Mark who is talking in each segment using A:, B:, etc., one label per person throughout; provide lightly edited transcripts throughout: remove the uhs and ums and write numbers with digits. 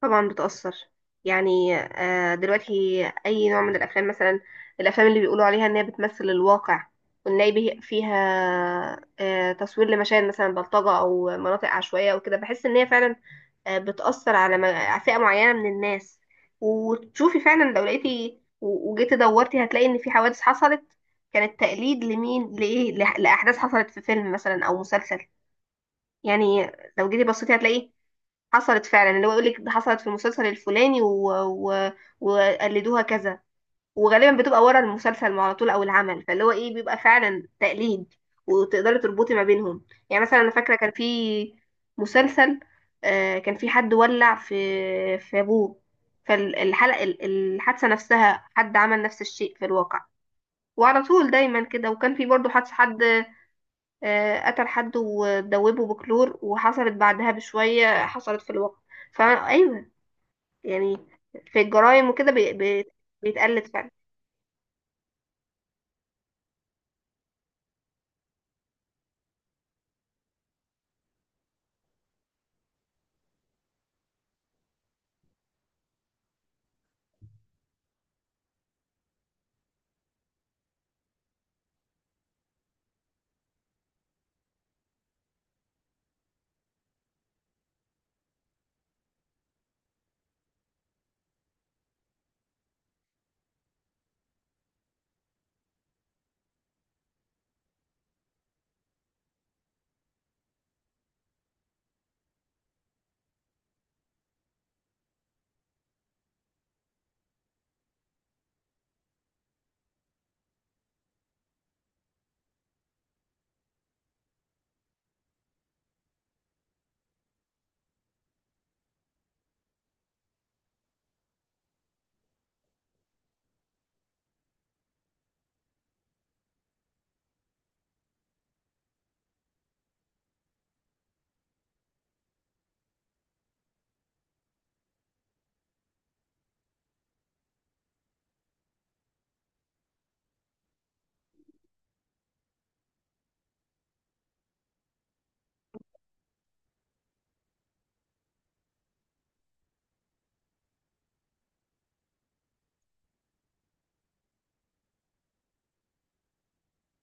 A: طبعا بتأثر. يعني دلوقتي أي نوع من الأفلام مثلا، الأفلام اللي بيقولوا عليها إنها بتمثل الواقع ونلاقي فيها تصوير لمشاهد مثلا بلطجة أو مناطق عشوائية وكده، بحس إن هي فعلا بتأثر على على فئة معينة من الناس. وتشوفي فعلا لو لقيتي وجيتي دورتي، هتلاقي إن في حوادث حصلت كانت تقليد لمين لإيه لأحداث حصلت في فيلم مثلا أو مسلسل. يعني لو جيتي بصيتي هتلاقي حصلت فعلا، اللي هو يقول لك حصلت في المسلسل الفلاني وقلدوها كذا. وغالبا بتبقى ورا المسلسل على طول او العمل، فاللي هو ايه بيبقى فعلا تقليد، وتقدري تربطي ما بينهم. يعني مثلا انا فاكره كان في مسلسل، آه كان في حد ولع في ابوه، فالحلقه الحادثه نفسها حد عمل نفس الشيء في الواقع. وعلى طول دايما كده. وكان في برضه حادثه حد قتل حد ودوبه بكلور، وحصلت بعدها بشويه، حصلت في الواقع. فايوه، يعني في الجرائم وكده بيتقلد فعلا.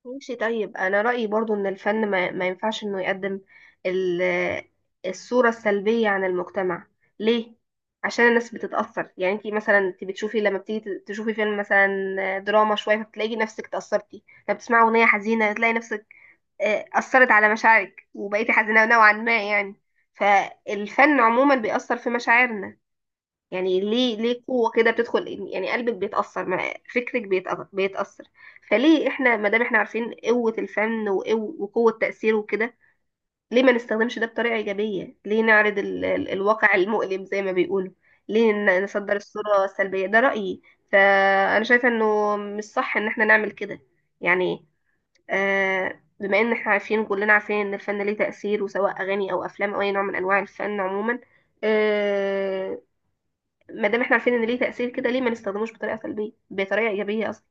A: ماشي، طيب انا رأيي برضو ان الفن ما ينفعش انه يقدم ال- الصورة السلبية عن المجتمع. ليه؟ عشان الناس بتتأثر. يعني انتي مثلا انتي بتشوفي، لما بتيجي تشوفي فيلم مثلا دراما شوية، فبتلاقي نفسك تأثرتي. لما بتسمعي أغنية حزينة تلاقي نفسك أثرت على مشاعرك، وبقيتي حزينة نوعا ما يعني. فالفن عموما بيأثر في مشاعرنا. يعني ليه قوة كده بتدخل، يعني قلبك بيتأثر فكرك بيتأثر. فليه احنا ما دام احنا عارفين قوة الفن وقوة تأثيره وكده، ليه ما نستخدمش ده بطريقة إيجابية؟ ليه نعرض ال الواقع المؤلم زي ما بيقولوا؟ ليه نصدر الصورة السلبية؟ ده رأيي. فأنا شايفة إنه مش صح إن احنا نعمل كده. يعني آه، بما إن احنا عارفين، كلنا عارفين إن الفن ليه تأثير، وسواء أغاني أو أفلام أو أي نوع من أنواع الفن عموما، آه، ما دام احنا عارفين ان ليه تأثير كده، ليه ما نستخدموش بطريقة سلبية، بطريقة إيجابية قصدي.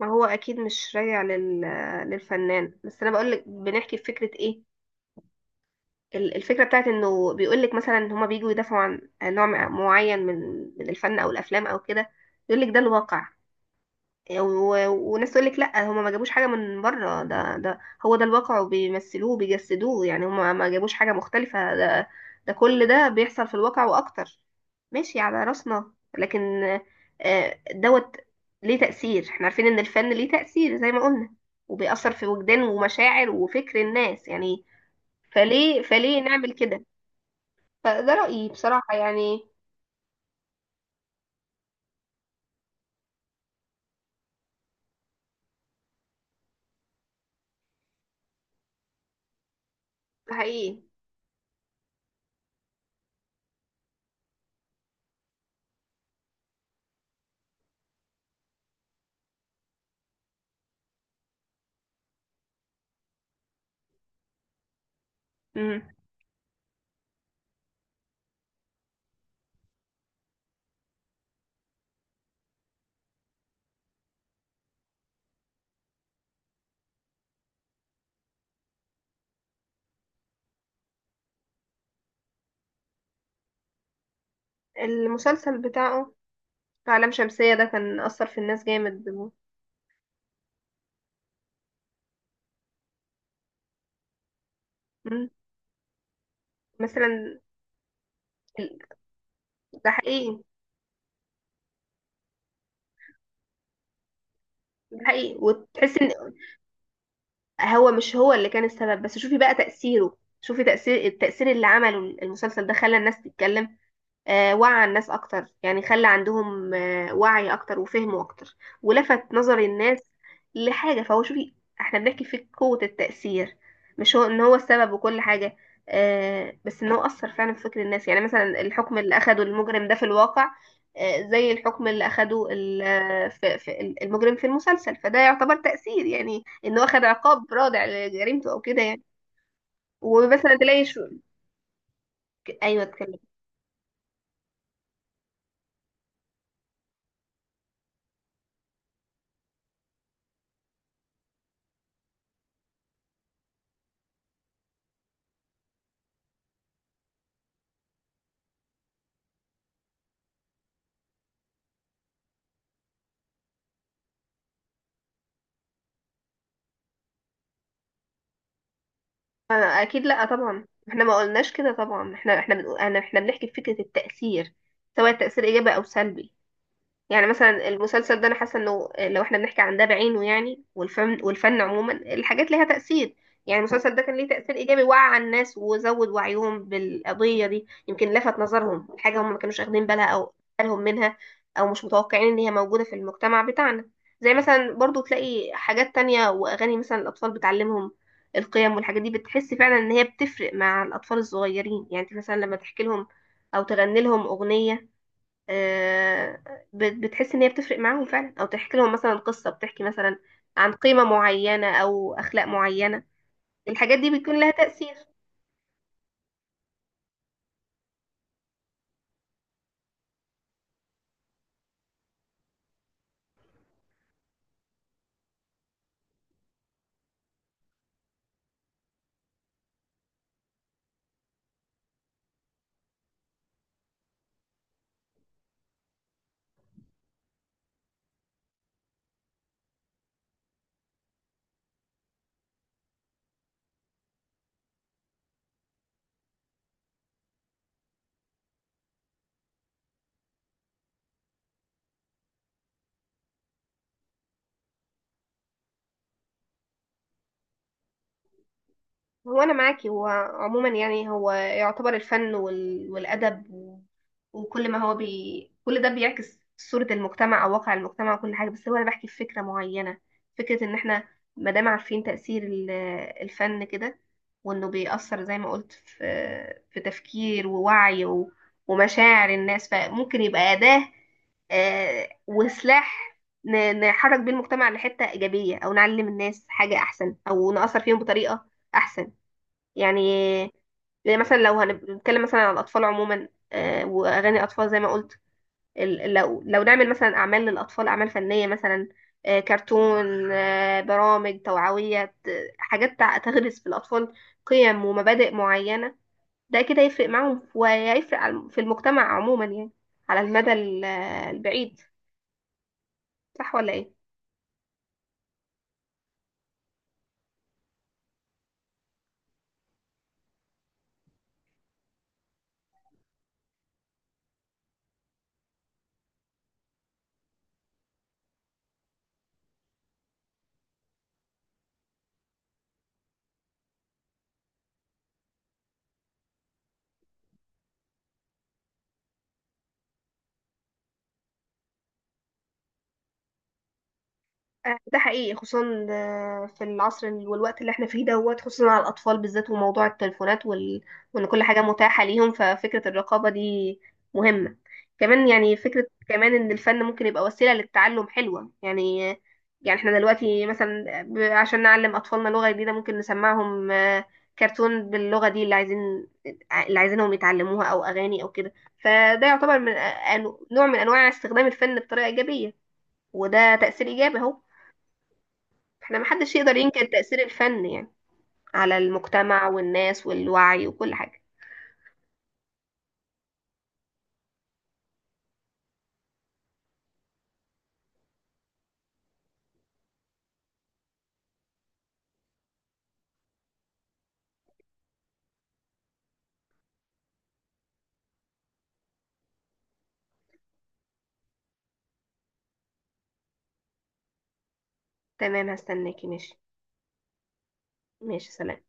A: ما هو اكيد مش راجع لل... للفنان بس. انا بقول لك بنحكي في فكرة ايه، الفكرة بتاعت انه بيقول لك مثلا ان هما بيجوا يدافعوا عن نوع معين من من الفن او الافلام او كده، يقول لك ده الواقع. و- وناس تقول لك لا، هما ما جابوش حاجه من بره، ده هو ده الواقع وبيمثلوه بيجسدوه، يعني هما ما جابوش حاجه مختلفه، ده كل ده بيحصل في الواقع واكتر. ماشي، على راسنا. لكن دوت ليه تأثير، احنا عارفين ان الفن ليه تأثير زي ما قلنا، وبيأثر في وجدان ومشاعر وفكر الناس يعني. فليه نعمل كده؟ فده رأيي بصراحة يعني. ده حقيقي. مم. المسلسل بتاعه عالم شمسية ده كان أثر في الناس جامد. مم، مثلا ال- ده حقيقي. ده حقيقي، وتحس ان هو مش هو اللي كان السبب، بس شوفي بقى تأثيره، شوفي تأثير، التأثير اللي عمله المسلسل ده خلى الناس تتكلم. وعى الناس اكتر يعني، خلى عندهم آه، وعي اكتر وفهم اكتر، ولفت نظر الناس لحاجه. فهو شوفي، احنا بنحكي في قوه التاثير، مش هو ان هو السبب وكل حاجه، بس ان هو اثر فعلا في فكر الناس. يعني مثلا الحكم اللي اخده المجرم ده في الواقع زي الحكم اللي اخده في المجرم في المسلسل، فده يعتبر تاثير، يعني ان هو اخد عقاب رادع لجريمته او كده يعني. ومثلا تلاقي شو، ايوه اتكلم. أنا اكيد لا، طبعا احنا ما قلناش كده، طبعا احنا بنقول، انا احنا بنحكي في فكره التاثير، سواء تاثير ايجابي او سلبي. يعني مثلا المسلسل ده انا حاسه انه لو احنا بنحكي عن ده بعينه يعني، والفن عموما، الحاجات ليها تاثير. يعني المسلسل ده كان ليه تاثير ايجابي، وعى الناس وزود وعيهم بالقضيه دي، يمكن لفت نظرهم حاجه هم ما كانوش واخدين بالها او بالهم منها، او مش متوقعين ان هي موجوده في المجتمع بتاعنا. زي مثلا برضو تلاقي حاجات تانية، واغاني مثلا الاطفال بتعلمهم القيم، والحاجات دي بتحس فعلا ان هي بتفرق مع الاطفال الصغيرين. يعني انت مثلا لما تحكي لهم او تغني لهم اغنيه، آه، بتحس ان هي بتفرق معاهم فعلا، او تحكي لهم مثلا قصة بتحكي مثلا عن قيمة معينة او اخلاق معينة، الحاجات دي بيكون لها تأثير. هو انا معاكي، هو عموما يعني هو يعتبر الفن وال... والادب و... وكل ما هو بي... كل ده بيعكس صورة المجتمع او واقع المجتمع وكل حاجة، بس هو انا بحكي في فكرة معينة، فكرة ان احنا ما دام عارفين تأثير الفن كده، وانه بيأثر زي ما قلت في في تفكير ووعي و... ومشاعر الناس، فممكن يبقى أداة وسلاح نحرك بيه المجتمع لحتة إيجابية، أو نعلم الناس حاجة أحسن، أو نأثر فيهم بطريقة أحسن يعني. زي مثلا لو هنتكلم مثلا عن الأطفال عموما وأغاني الأطفال زي ما قلت، لو لو نعمل مثلا أعمال للأطفال، أعمال فنية مثلا، كرتون، برامج توعوية، حاجات تغرس في الأطفال قيم ومبادئ معينة، ده كده يفرق معاهم ويفرق في المجتمع عموما يعني، على المدى البعيد. صح ولا إيه؟ ده حقيقي، خصوصا في العصر والوقت اللي احنا فيه دوت، خصوصا على الأطفال بالذات، وموضوع التليفونات وال... وإن كل حاجة متاحة ليهم، ففكرة الرقابة دي مهمة كمان يعني. فكرة كمان إن الفن ممكن يبقى وسيلة للتعلم حلوة يعني. يعني احنا دلوقتي مثلا عشان نعلم أطفالنا لغة جديدة ممكن نسمعهم كرتون باللغة دي اللي عايزين، اللي عايزينهم يتعلموها، أو أغاني أو كده. فده يعتبر من آه، نوع من أنواع استخدام الفن بطريقة إيجابية، وده تأثير إيجابي أهو. احنا محدش يقدر ينكر تأثير الفن يعني، على المجتمع والناس والوعي وكل حاجة. تمام، هستناكي. ماشي. ماشي، سلام.